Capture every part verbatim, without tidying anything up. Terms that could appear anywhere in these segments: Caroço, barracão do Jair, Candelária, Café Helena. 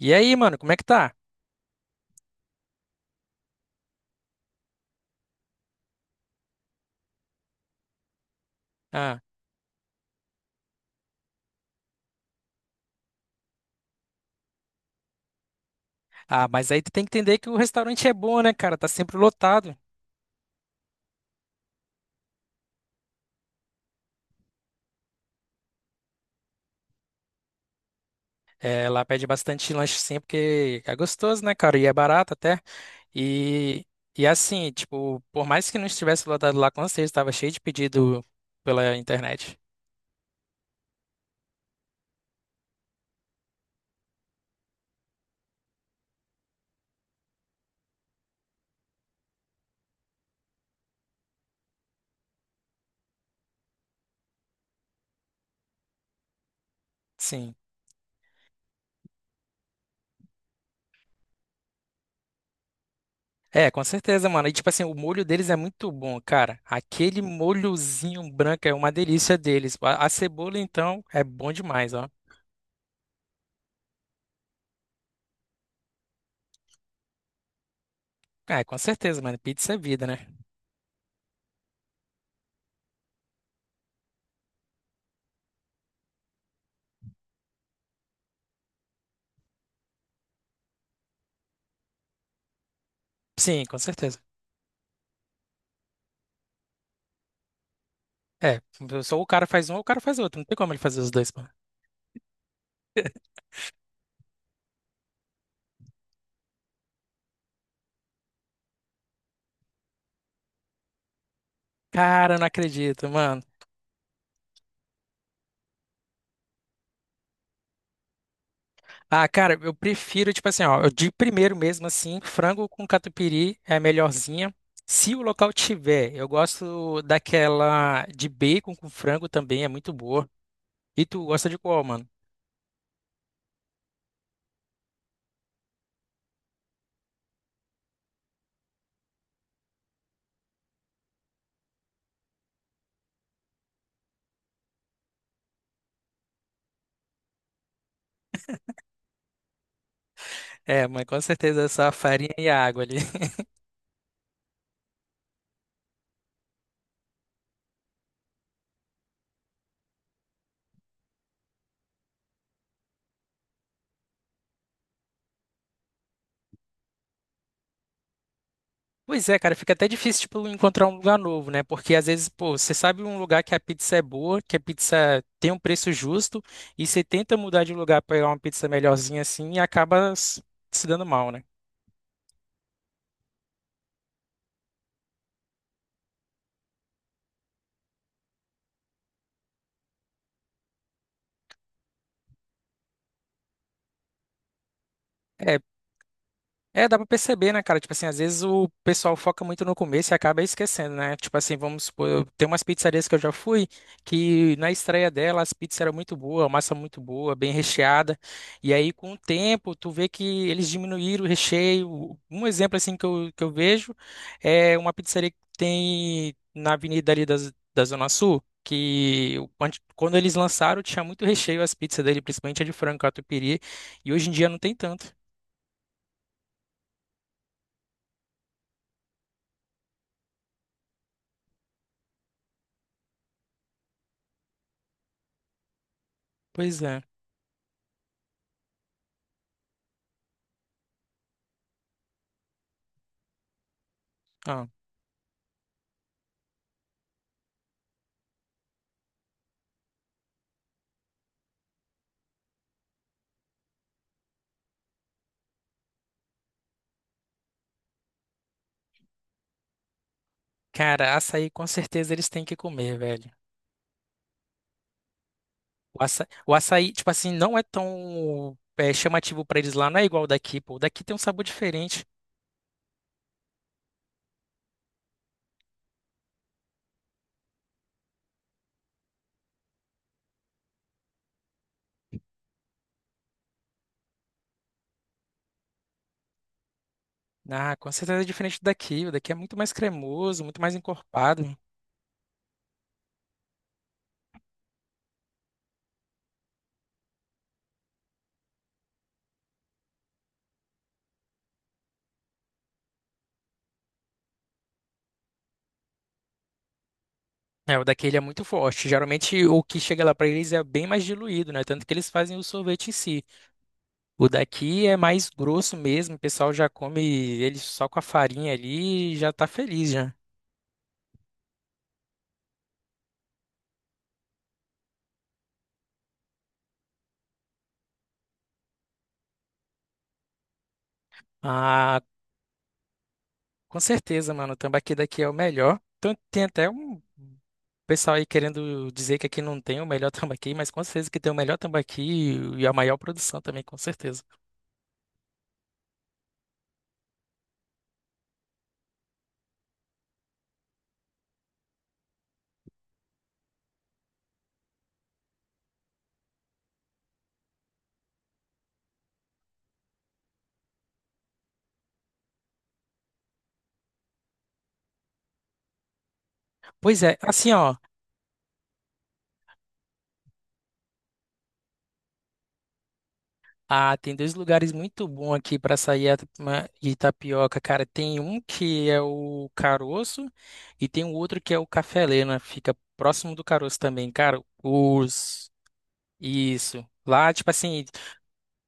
E aí, mano, como é que tá? Ah, ah, mas aí tu tem que entender que o restaurante é bom, né, cara? Tá sempre lotado. É, lá pede bastante lanche sempre, porque é gostoso, né, cara? E é barato até. E, e assim, tipo, por mais que não estivesse lotado lá, com certeza tava cheio de pedido pela internet. Sim. É, com certeza, mano. E tipo assim, o molho deles é muito bom, cara. Aquele molhozinho branco é uma delícia deles. A, a cebola, então, é bom demais, ó. É, com certeza, mano. Pizza é vida, né? Sim, com certeza. É, só o cara faz um ou o cara faz outro. Não tem como ele fazer os dois, mano. Cara, eu não acredito, mano. Ah, cara, eu prefiro, tipo assim, ó, eu de primeiro mesmo, assim, frango com catupiry é a melhorzinha. Se o local tiver, eu gosto daquela de bacon com frango também, é muito boa. E tu gosta de qual, mano? É, mas com certeza é só a farinha e a água ali. Pois é, cara, fica até difícil, tipo, encontrar um lugar novo, né? Porque às vezes, pô, você sabe um lugar que a pizza é boa, que a pizza tem um preço justo, e você tenta mudar de lugar pra pegar uma pizza melhorzinha assim e acaba s- se dando mal, né? É, É, dá pra perceber, né, cara? Tipo assim, às vezes o pessoal foca muito no começo e acaba esquecendo, né? Tipo assim, vamos supor, eu- tem umas pizzarias que eu já fui, que na estreia dela as pizzas eram muito boas, a massa muito boa, bem recheada. E aí, com o tempo, tu vê que eles diminuíram o recheio. Um exemplo, assim, que eu, que eu vejo é uma pizzaria que tem na avenida ali das, da Zona Sul, que o- ante- quando eles lançaram tinha muito recheio as pizzas dele, principalmente a de frango catupiry, e hoje em dia não tem tanto. Pois é. Ah. Cara, açaí com certeza eles têm que comer, velho. O açaí, o açaí, tipo assim, não é tão é, chamativo pra eles lá, não é igual o daqui, pô. O daqui tem um sabor diferente. Ah, com certeza é diferente do daqui. O daqui é muito mais cremoso, muito mais encorpado. É, o daqui ele é muito forte. Geralmente o que chega lá pra eles é bem mais diluído, né? Tanto que eles fazem o sorvete em si. O daqui é mais grosso mesmo, o pessoal já come ele só com a farinha ali e já tá feliz já. Ah. Com certeza, mano. O tambaqui daqui é o melhor. Então, tem até um pessoal aí querendo dizer que aqui não tem o melhor tambaqui, mas com certeza que tem o melhor tambaqui e e a maior produção também, com certeza. Pois é, assim, ó. Ah, tem dois lugares muito bons aqui para sair a ma- e tapioca, cara. Tem um que é o Caroço e tem um outro que é o Café Helena. Fica próximo do Caroço também, cara. Os. Isso. Lá, tipo assim.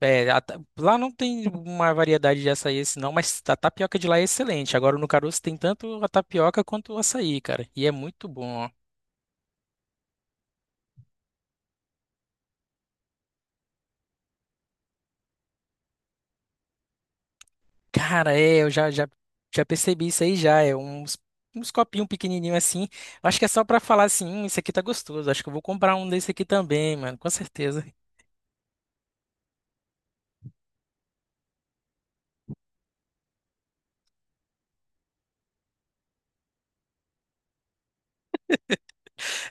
É, a ta- lá não tem uma variedade de açaí esse não, mas a tapioca de lá é excelente. Agora no Caroço tem tanto a tapioca quanto o açaí, cara. E é muito bom. Cara, é, eu já, já, já percebi isso aí já. É uns, uns copinhos pequenininhos assim. Eu acho que é só pra falar assim, hum, isso aqui tá gostoso. Acho que eu vou comprar um desse aqui também, mano. Com certeza.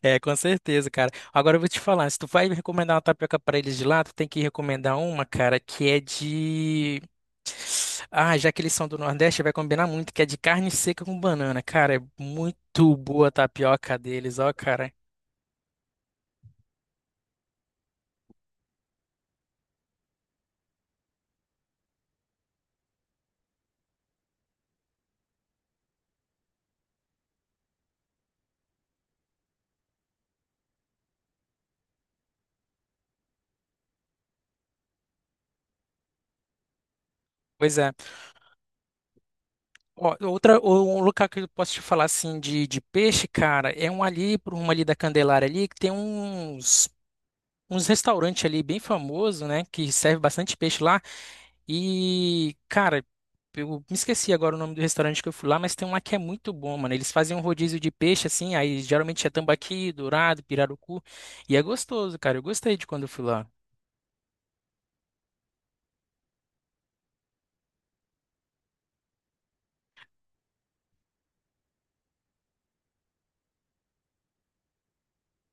É, com certeza, cara. Agora eu vou te falar, se tu vai recomendar uma tapioca pra eles de lá, tu tem que recomendar uma, cara, que é de... Ah, já que eles são do Nordeste, vai combinar muito, que é de carne seca com banana. Cara, é muito boa a tapioca deles, ó, cara. Pois é. Ó, outra, o- um lugar que eu posso te falar assim de, de peixe, cara, é um ali, por uma ali da Candelária ali, que tem uns, uns restaurantes ali bem famoso, né, que serve bastante peixe lá. E, cara, eu me esqueci agora o nome do restaurante que eu fui lá, mas tem um lá que é muito bom, mano. Eles fazem um rodízio de peixe assim, aí geralmente é tambaqui, dourado, pirarucu, e é gostoso, cara. Eu gostei de quando eu fui lá.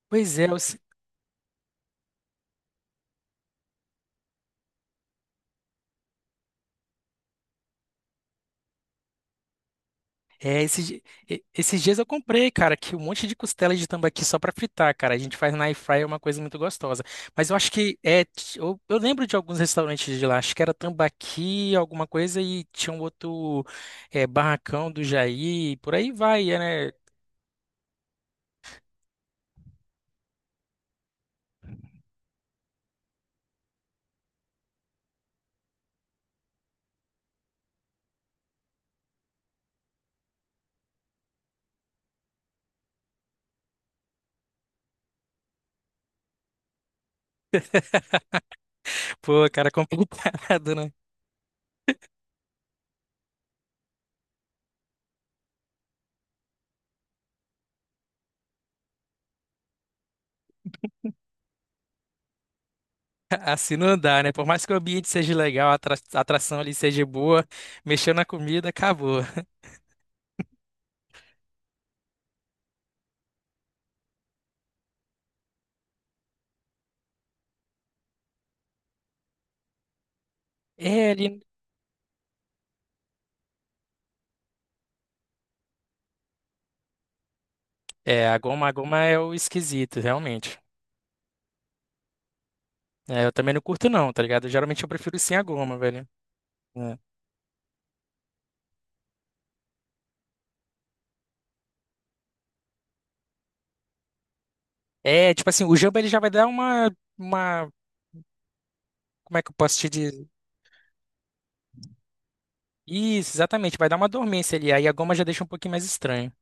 Pois é, eu se- é, esses, di- e- esses dias eu comprei, cara, que um monte de costela de tambaqui só pra fritar, cara. A gente faz na air fryer, é uma coisa muito gostosa. Mas eu acho que é, t- eu, eu lembro de alguns restaurantes de lá, acho que era tambaqui, alguma coisa, e tinha um outro é, barracão do Jair, por aí vai, é, né? Pô, cara, é complicado, né? Assim não dá, né? Por mais que o ambiente seja legal, a atra- a atração ali seja boa, mexeu na comida, acabou. É, ali... é, a goma, a goma é o esquisito, realmente. É, eu também não curto não, tá ligado? Geralmente eu prefiro sem a goma, velho. É, É, tipo assim, o jamba ele já vai dar uma, uma... Como é que eu posso te dizer? Isso, exatamente, vai dar uma dormência ali, aí a goma já deixa um pouquinho mais estranho.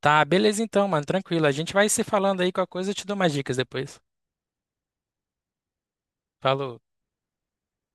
Tá, beleza então, mano, tranquilo. A gente vai se falando aí com a coisa, eu te dou mais dicas depois. Falou.